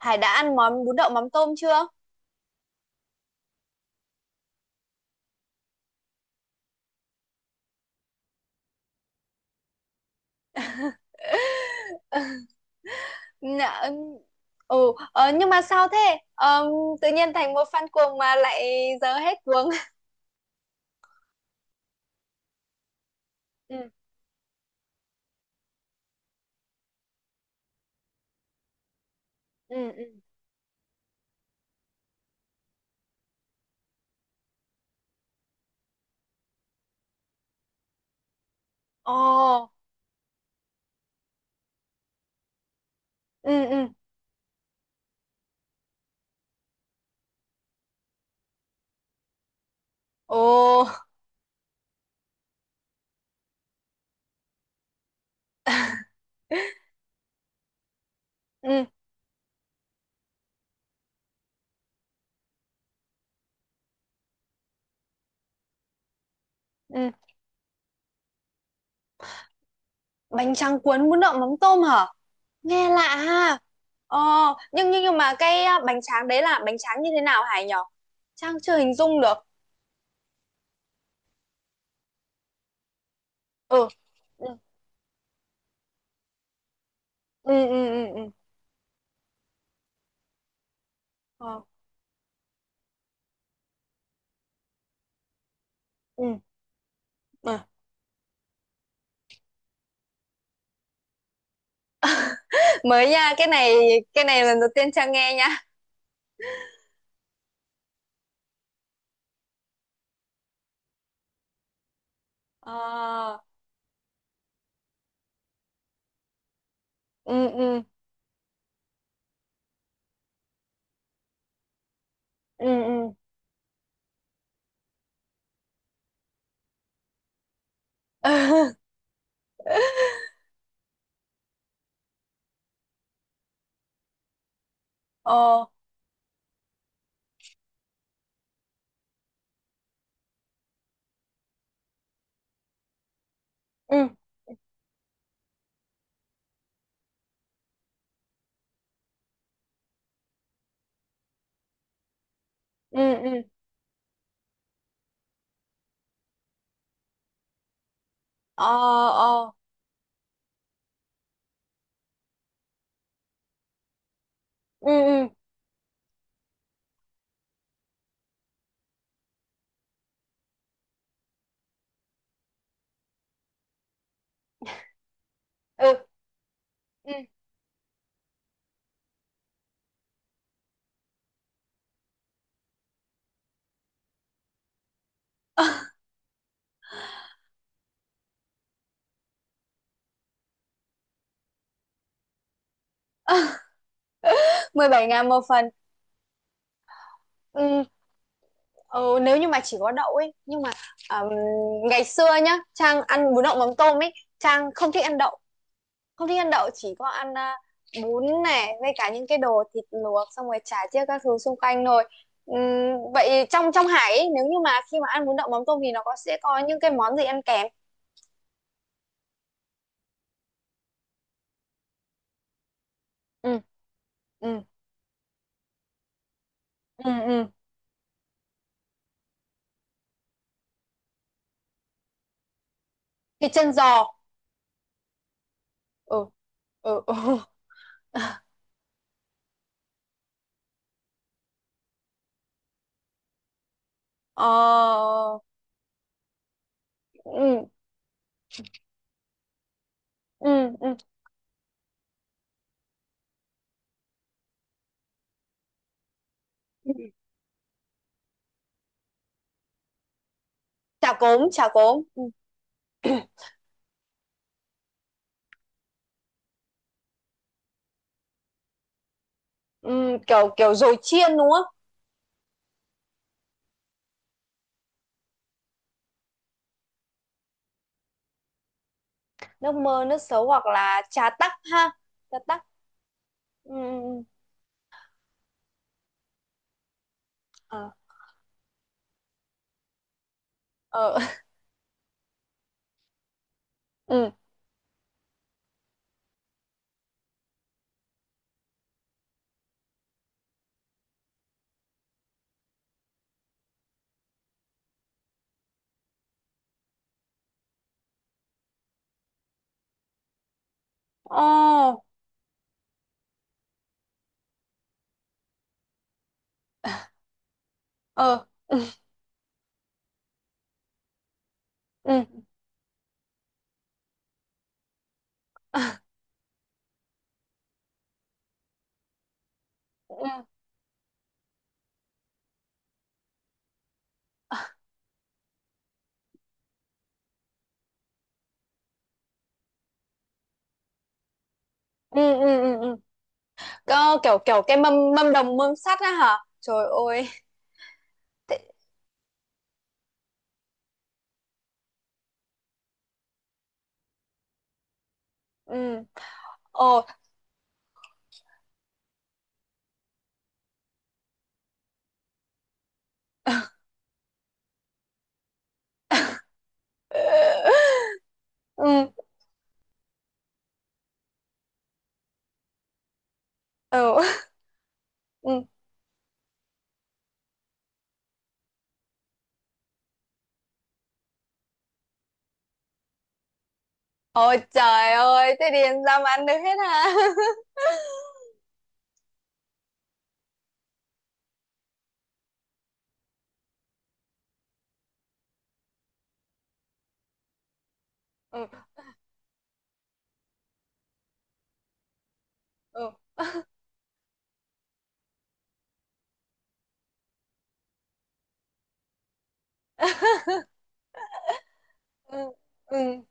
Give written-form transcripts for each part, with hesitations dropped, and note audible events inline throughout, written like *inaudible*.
Hải đã ăn món bún đậu mắm tôm chưa? *laughs* Dạ, ừ, nhưng mà sao thế? Ờ, tự nhiên thành một fan cuồng mà lại giờ hết cuồng. Ừ, ừ, ừ. Ồ, ừ, ừ. Ồ, ừ, ừ. Bánh tráng cuốn bún đậu mắm tôm hả? Nghe lạ ha. Ồ, nhưng mà cái bánh tráng đấy là bánh tráng như thế nào Hải nhỉ? Trang chưa hình dung được. Ừ, ừ, ừ, ừ, ừ, ừ. Ờ, ừ, ờ. Mới nha, cái này lần đầu tiên Trang nghe nha. Ờ, ừ, ừ, ừ, ừ, *laughs* ờ, ừ, ừ, ừ, ờ, ờ, ừ, ừ, ừ, ừ, 17.000 một phần, ừ, ừ, nếu như mà chỉ có đậu ấy nhưng mà ừm, ngày xưa nhá Trang ăn bún đậu mắm tôm ấy, Trang không thích ăn đậu, không thích ăn đậu, chỉ có ăn bún này với cả những cái đồ thịt luộc xong rồi chả chiếc các thứ xung quanh thôi. Vậy trong trong Hải ấy, nếu như mà khi mà ăn bún đậu mắm tôm thì nó có sẽ có những cái món gì ăn kèm? Ừ, ừ, ừ, ừ, thịt chân giò, ừ, ừ, ừ, *laughs* ờ, ừ, ừ, ừ, chả cốm chả cốm, ừ. *clears throat* Ừ, kiểu kiểu dồi chiên đúng không? Nước mơ nước sấu hoặc là trà tắc ha, trà tắc. Ừ, ừ, ừ, ờ, ờ, *laughs* ừ, ờ, ờ, ừ, ừ, ừ, ừ, ừ, ừ, ừ, ừ. Có kiểu kiểu cái mâm mâm đồng mâm sắt á hả trời ơi! Thế- ừ, ồ, *laughs* ừ, ừ, ừ, ôi trời ơi, thế thì sao mà ăn được hết hả? *laughs* Ừ, ừ. *laughs* Ừ, ừ.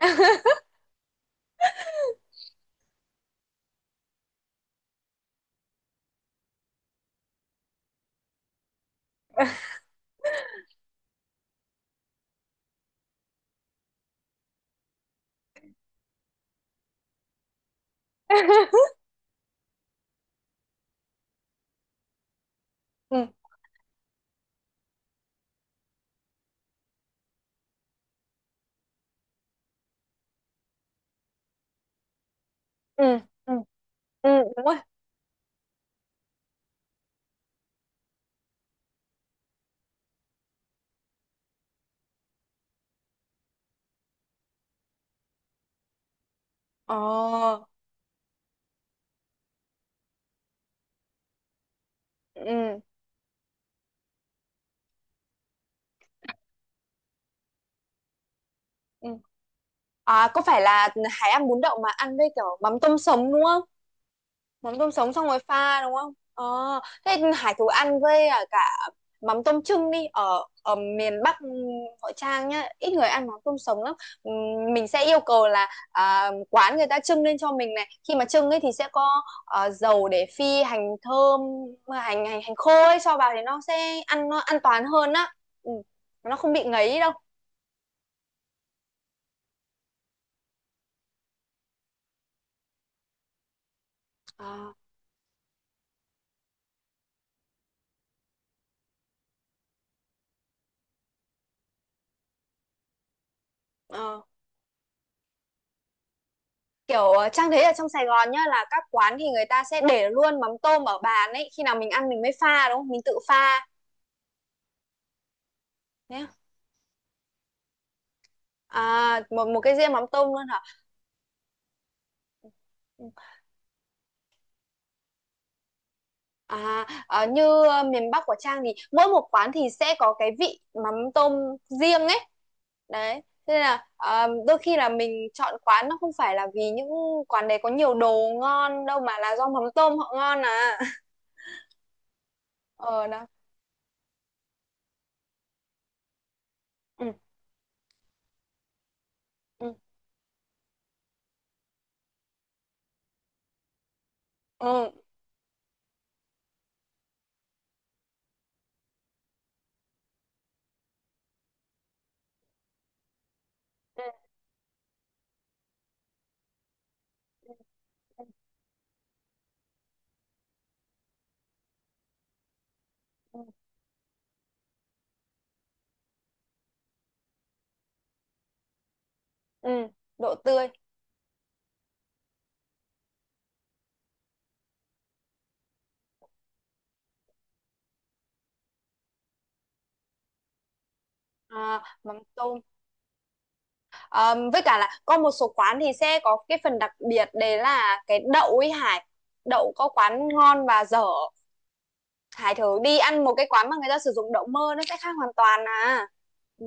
*laughs* Ừ, ừ, ừ, ừ, đúng rồi, ờ, ừ, ừ. À, có phải là hải ăn bún đậu mà ăn với kiểu mắm tôm sống đúng không? Mắm tôm sống xong rồi pha đúng không? Ờ. Thế hải thú ăn với cả mắm tôm trưng đi ở ở miền Bắc. Hội Trang nhá ít người ăn mắm tôm sống lắm. Ừm, mình sẽ yêu cầu là quán người ta trưng lên cho mình này, khi mà trưng ấy thì sẽ có dầu để phi hành thơm, hành hành hành khô ấy cho vào thì nó sẽ ăn nó an toàn hơn á. Ừ, nó không bị ngấy đâu. Ờ, ờ. Kiểu Trang thấy ở trong Sài Gòn nhá là các quán thì người ta sẽ để luôn mắm tôm ở bàn ấy, khi nào mình ăn mình mới pha đúng không, mình tự pha nhé? À, một một cái riêng mắm tôm luôn hả? Ừ. À, như miền Bắc của Trang thì mỗi một quán thì sẽ có cái vị mắm tôm riêng ấy. Đấy, thế nên là đôi khi là mình chọn quán nó không phải là vì những quán đấy có nhiều đồ ngon đâu mà là do mắm tôm họ ngon à. *laughs* Ờ đó. Ừ, ừ, ừ, ừ, ừ, ừ, ừ. Độ tươi. À, mắm tôm. Ờ, với cả là có một số quán thì sẽ có cái phần đặc biệt đấy là cái đậu ấy Hải. Đậu có quán ngon và dở. Hải thử đi ăn một cái quán mà người ta sử dụng đậu mơ nó sẽ khác hoàn toàn à. Ừ.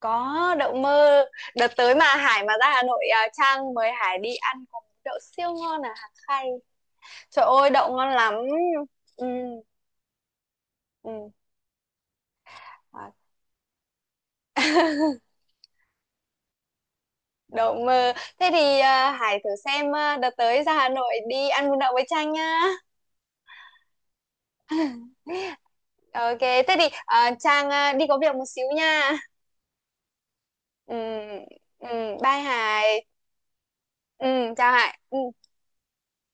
Có đậu mơ. Đợt tới mà Hải mà ra Hà Nội à, Trang mời Hải đi ăn có món đậu siêu ngon à Hà Khay. Trời ơi đậu ngon lắm. Ừ, ừ. À, đậu mơ. Thế thì à, Hải thử xem à, đợt tới ra Hà Nội đi ăn bún đậu với Trang nha. *laughs* Ok, thế thì à, Trang à, đi có việc một xíu nha. Ừ, ừ, bye Hải. Ừ, chào Hải. Ừ.